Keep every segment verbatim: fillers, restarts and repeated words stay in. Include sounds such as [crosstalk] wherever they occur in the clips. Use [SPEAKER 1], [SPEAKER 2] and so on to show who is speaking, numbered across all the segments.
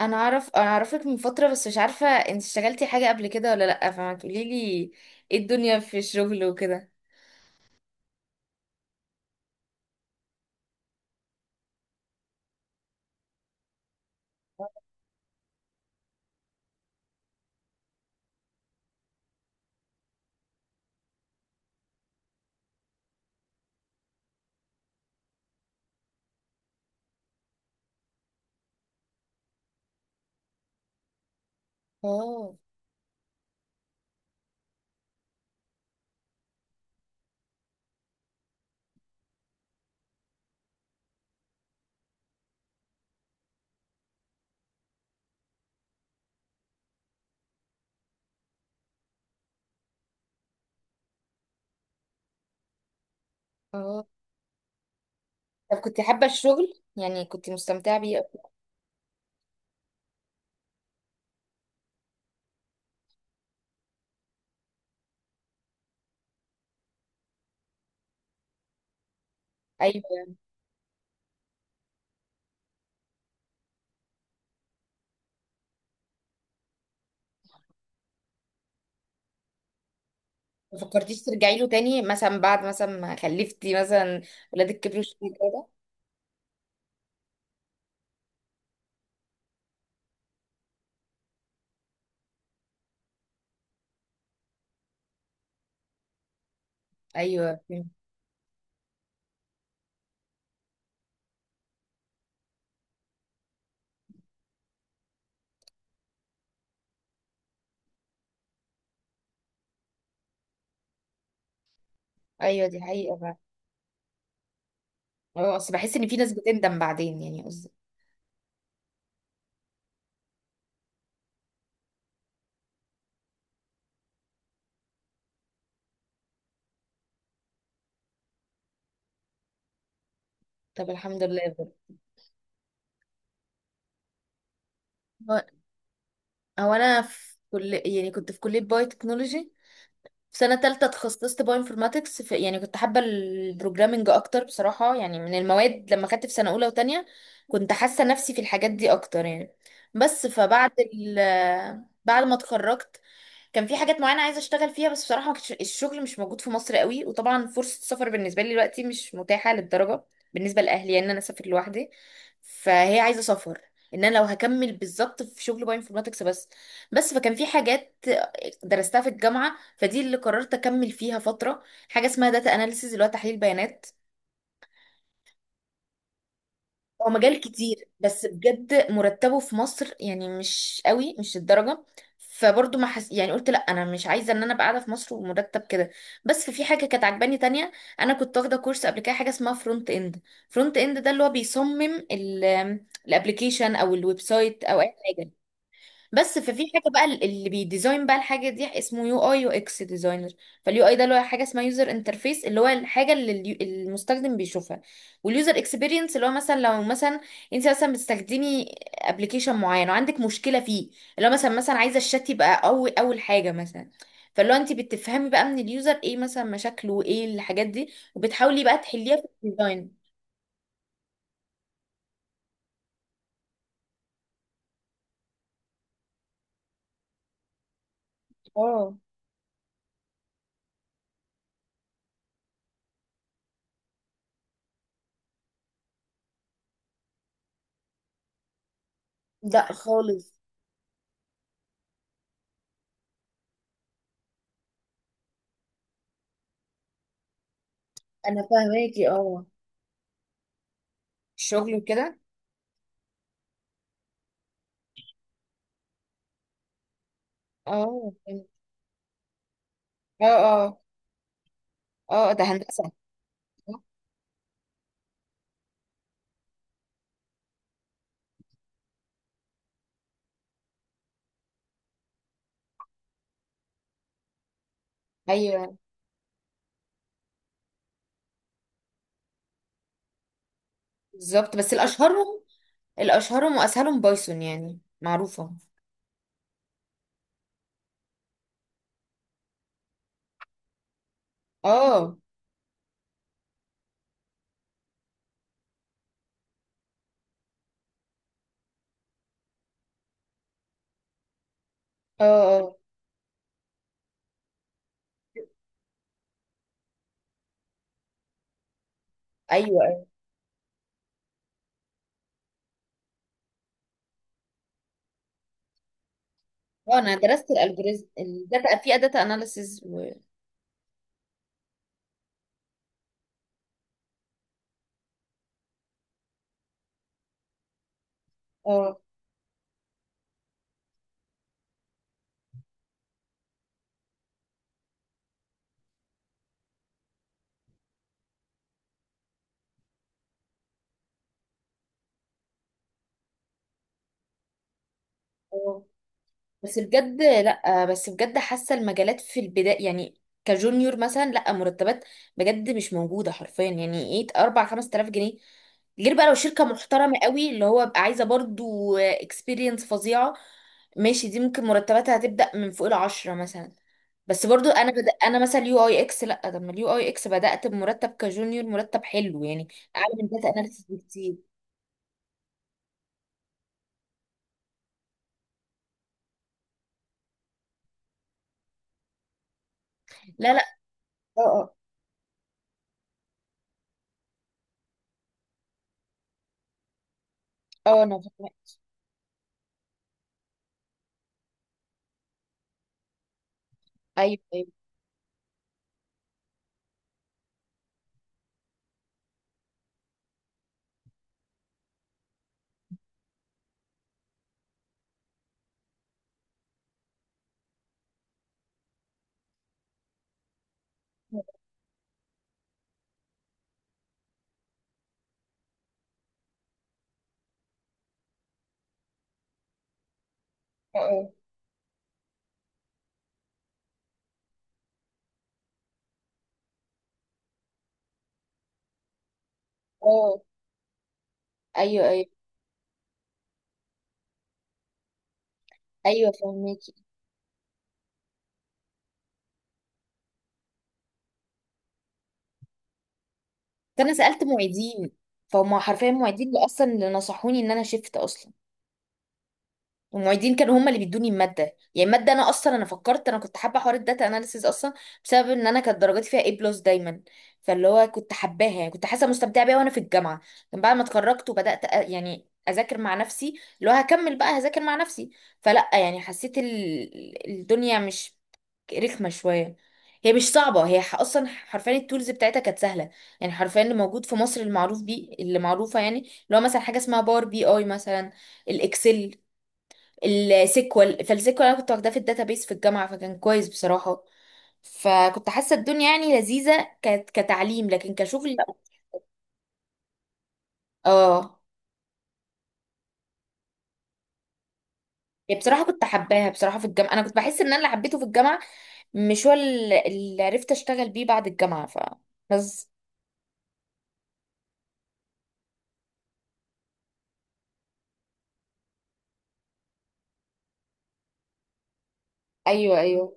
[SPEAKER 1] انا اعرف انا اعرفك من فتره، بس مش عارفه انت اشتغلتي حاجه قبل كده ولا لا، فما تقولي لي ايه الدنيا في الشغل وكده. اه اه طب كنت حابه الشغل؟ يعني كنت مستمتعه بيه أوي؟ ايوه. ما فكرتيش ترجعي له تاني، مثلا بعد مثلا ما خلفتي، مثلا ولادك كبروا شويه كده؟ ايوه فهمت. ايوه دي حقيقه بقى. اه، اصل بحس ان في ناس بتندم بعدين، يعني قصدي. طب الحمد لله بجد. هو هو انا في كل، يعني كنت في كليه بايو تكنولوجي، في سنة تالتة تخصصت بايو انفورماتكس في، يعني كنت حابة البروجرامينج أكتر بصراحة، يعني من المواد لما خدت في سنة أولى وتانية كنت حاسة نفسي في الحاجات دي أكتر يعني. بس فبعد ال بعد ما اتخرجت كان في حاجات معينة عايزة اشتغل فيها، بس بصراحة ما كانش الشغل مش موجود في مصر قوي، وطبعا فرصة السفر بالنسبة لي دلوقتي مش متاحة للدرجة بالنسبة لأهلي، يعني ان انا اسافر لوحدي، فهي عايزة سفر، ان انا لو هكمل بالظبط في شغل باي انفورماتكس. بس بس فكان في حاجات درستها في الجامعة، فدي اللي قررت اكمل فيها فترة. حاجة اسمها داتا اناليسيز اللي هو تحليل بيانات. هو مجال كتير، بس بجد مرتبه في مصر يعني مش قوي، مش الدرجة. فبرضه ما حس... يعني قلت لا انا مش عايزه ان انا ابقى قاعده في مصر ومرتب كده. بس في حاجه كانت عجباني تانية، انا كنت واخده كورس قبل كده حاجه اسمها فرونت اند. فرونت اند ده اللي هو بيصمم الابلكيشن او الويب سايت او اي حاجه. بس ففي حاجه بقى اللي بيديزاين بقى الحاجه دي، اسمه يو اي يو اكس ديزاينر. فاليو اي ده اللي هو حاجه اسمها يوزر انترفيس، اللي هو الحاجه اللي اليو- المستخدم بيشوفها. واليوزر اكسبيرينس اللي هو مثلا، لو مثلا انت مثلا بتستخدمي ابلكيشن معين وعندك مشكله فيه، اللي هو مثلا مثلا عايزه الشات يبقى قوي اول حاجه مثلا. فاللي هو انت بتفهمي بقى من اليوزر ايه مثلا مشاكله وايه الحاجات دي، وبتحاولي بقى تحليها في الديزاين. اه. لا خالص. انا فاهماكي، اه الشغل وكده. اه اه اه اه ده هندسة. ايوه بالظبط. بس الاشهرهم، الاشهرهم واسهلهم بايثون، يعني معروفة. اه اه اه ايوه، ايوه. اه، انا درست الالجوريزم الداتا في داتا اناليسز و، اه اه. بس بجد لا بس بجد حاسه المجالات في البدايه يعني، كجونيور مثلا، لا مرتبات بجد مش موجوده حرفيا، يعني ايه اربعة خمس آلاف جنيه؟ غير بقى لو شركه محترمه قوي اللي هو بقى عايزه برضو اكسبيرينس فظيعه ماشي، دي ممكن مرتباتها هتبدا من فوق العشرة مثلا. بس برضو انا بدأ انا مثلا يو اي اكس، لا، طب ما اليو اي اكس بدات بمرتب كجونيور مرتب حلو يعني، اعلى من داتا اناليسيس بكتير. لا لا. اه اه اه انا فاهمة. ايوه، ايوه. اه اه آه، ايوه، ايوه. ايوه فهماكي. فانا سالت معيدين، فهم حرفيا معيدين اللي اصلا اللي نصحوني ان انا شفت اصلا. والمعيدين كانوا هم اللي بيدوني الماده. يعني الماده انا اصلا، انا فكرت، انا كنت حابه حوار الداتا اناليسيز اصلا بسبب ان انا كانت درجاتي فيها A بلس دايما، فاللي هو كنت حباها، يعني كنت حاسه مستمتعه بيها وانا في الجامعه. لكن بعد ما اتخرجت وبدات أ- يعني اذاكر مع نفسي، اللي هو هكمل بقى هذاكر مع نفسي، فلا يعني حسيت ال- الدنيا مش رخمه شويه. هي مش صعبه، هي ح- اصلا حرفيا التولز بتاعتها كانت سهله. يعني حرفيا اللي موجود في مصر المعروف بيه، اللي معروفه يعني، اللي هو مثلا حاجه اسمها باور بي اي مثلا، الاكسل، السيكوال. فالسيكوال انا كنت واخداه في الداتابيس في الجامعه فكان كويس بصراحه. فكنت حاسه الدنيا يعني لذيذه ك- كتعليم، لكن كشغل لا. اه، يعني بصراحه كنت حباها بصراحه في الجامعه. انا كنت بحس ان انا اللي حبيته في الجامعه مش هو ال- اللي عرفت اشتغل بيه بعد الجامعه ف، بس. ايوه، ايوه،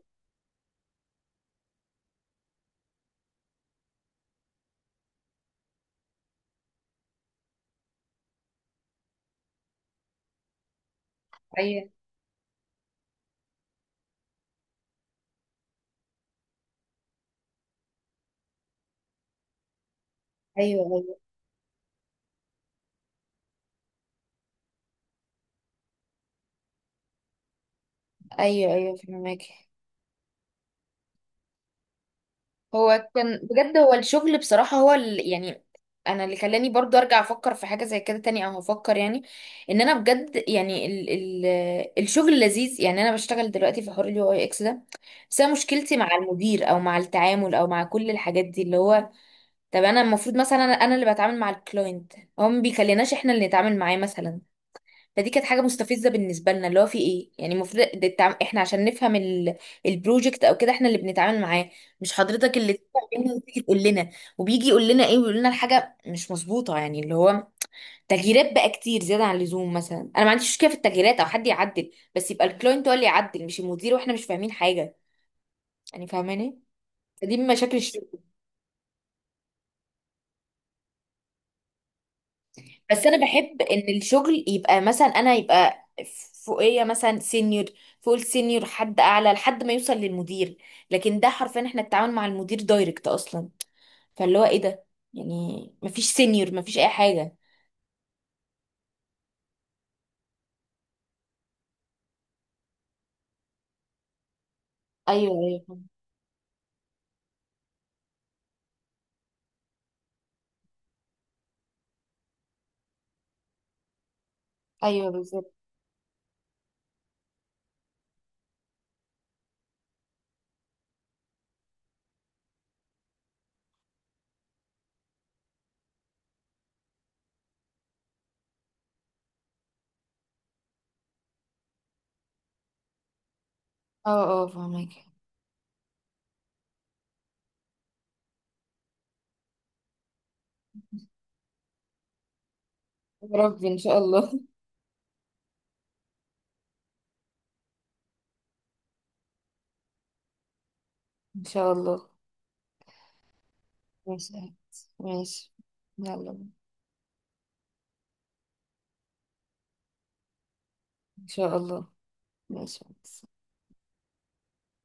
[SPEAKER 1] ايوه، ايوه، ايوه، ايوه، ايوه فهمك. هو كان بجد، هو الشغل بصراحة هو ال... يعني انا اللي خلاني برضو ارجع افكر في حاجة زي كده تاني، او هفكر يعني ان انا بجد يعني ال... ال... الشغل لذيذ يعني. انا بشتغل دلوقتي في حوار اليو اي اكس ده، بس انا مشكلتي مع المدير او مع التعامل او مع كل الحاجات دي، اللي هو طب انا المفروض مثلا انا أنا اللي بتعامل مع الكلاينت، هو ما بيخليناش احنا اللي نتعامل معاه مثلا. فدي كانت حاجه مستفزه بالنسبه لنا، اللي هو في ايه، يعني المفروض ده التع- احنا عشان نفهم ال... البروجكت او كده احنا اللي بنتعامل معاه، مش حضرتك اللي تتعب بينا وتيجي تقول لنا. وبيجي يقول لنا ايه، ويقول لنا الحاجه مش مظبوطه، يعني اللي هو تغييرات بقى كتير زياده عن اللزوم. مثلا انا ما عنديش مشكله في التغييرات او حد يعدل، بس يبقى الكلاينت هو اللي يعدل، مش المدير واحنا مش فاهمين حاجه، يعني فاهماني. فدي من مشاكل الشغل. بس انا بحب ان الشغل يبقى مثلا انا يبقى فوقيه مثلا سينيور، فوق السينيور حد اعلى، لحد ما يوصل للمدير. لكن ده حرفيا احنا التعامل مع المدير دايركت اصلا، فاللي هو ايه ده، يعني مفيش سينيور، مفيش اي حاجه. ايوه، ايوه فاهمة. ايوه بالظبط. اه، اه فاهمك. يا ربي ان شاء الله [laughs] ان شاء الله. ماشي. ماشي. يلا. ان شاء الله. ماشي.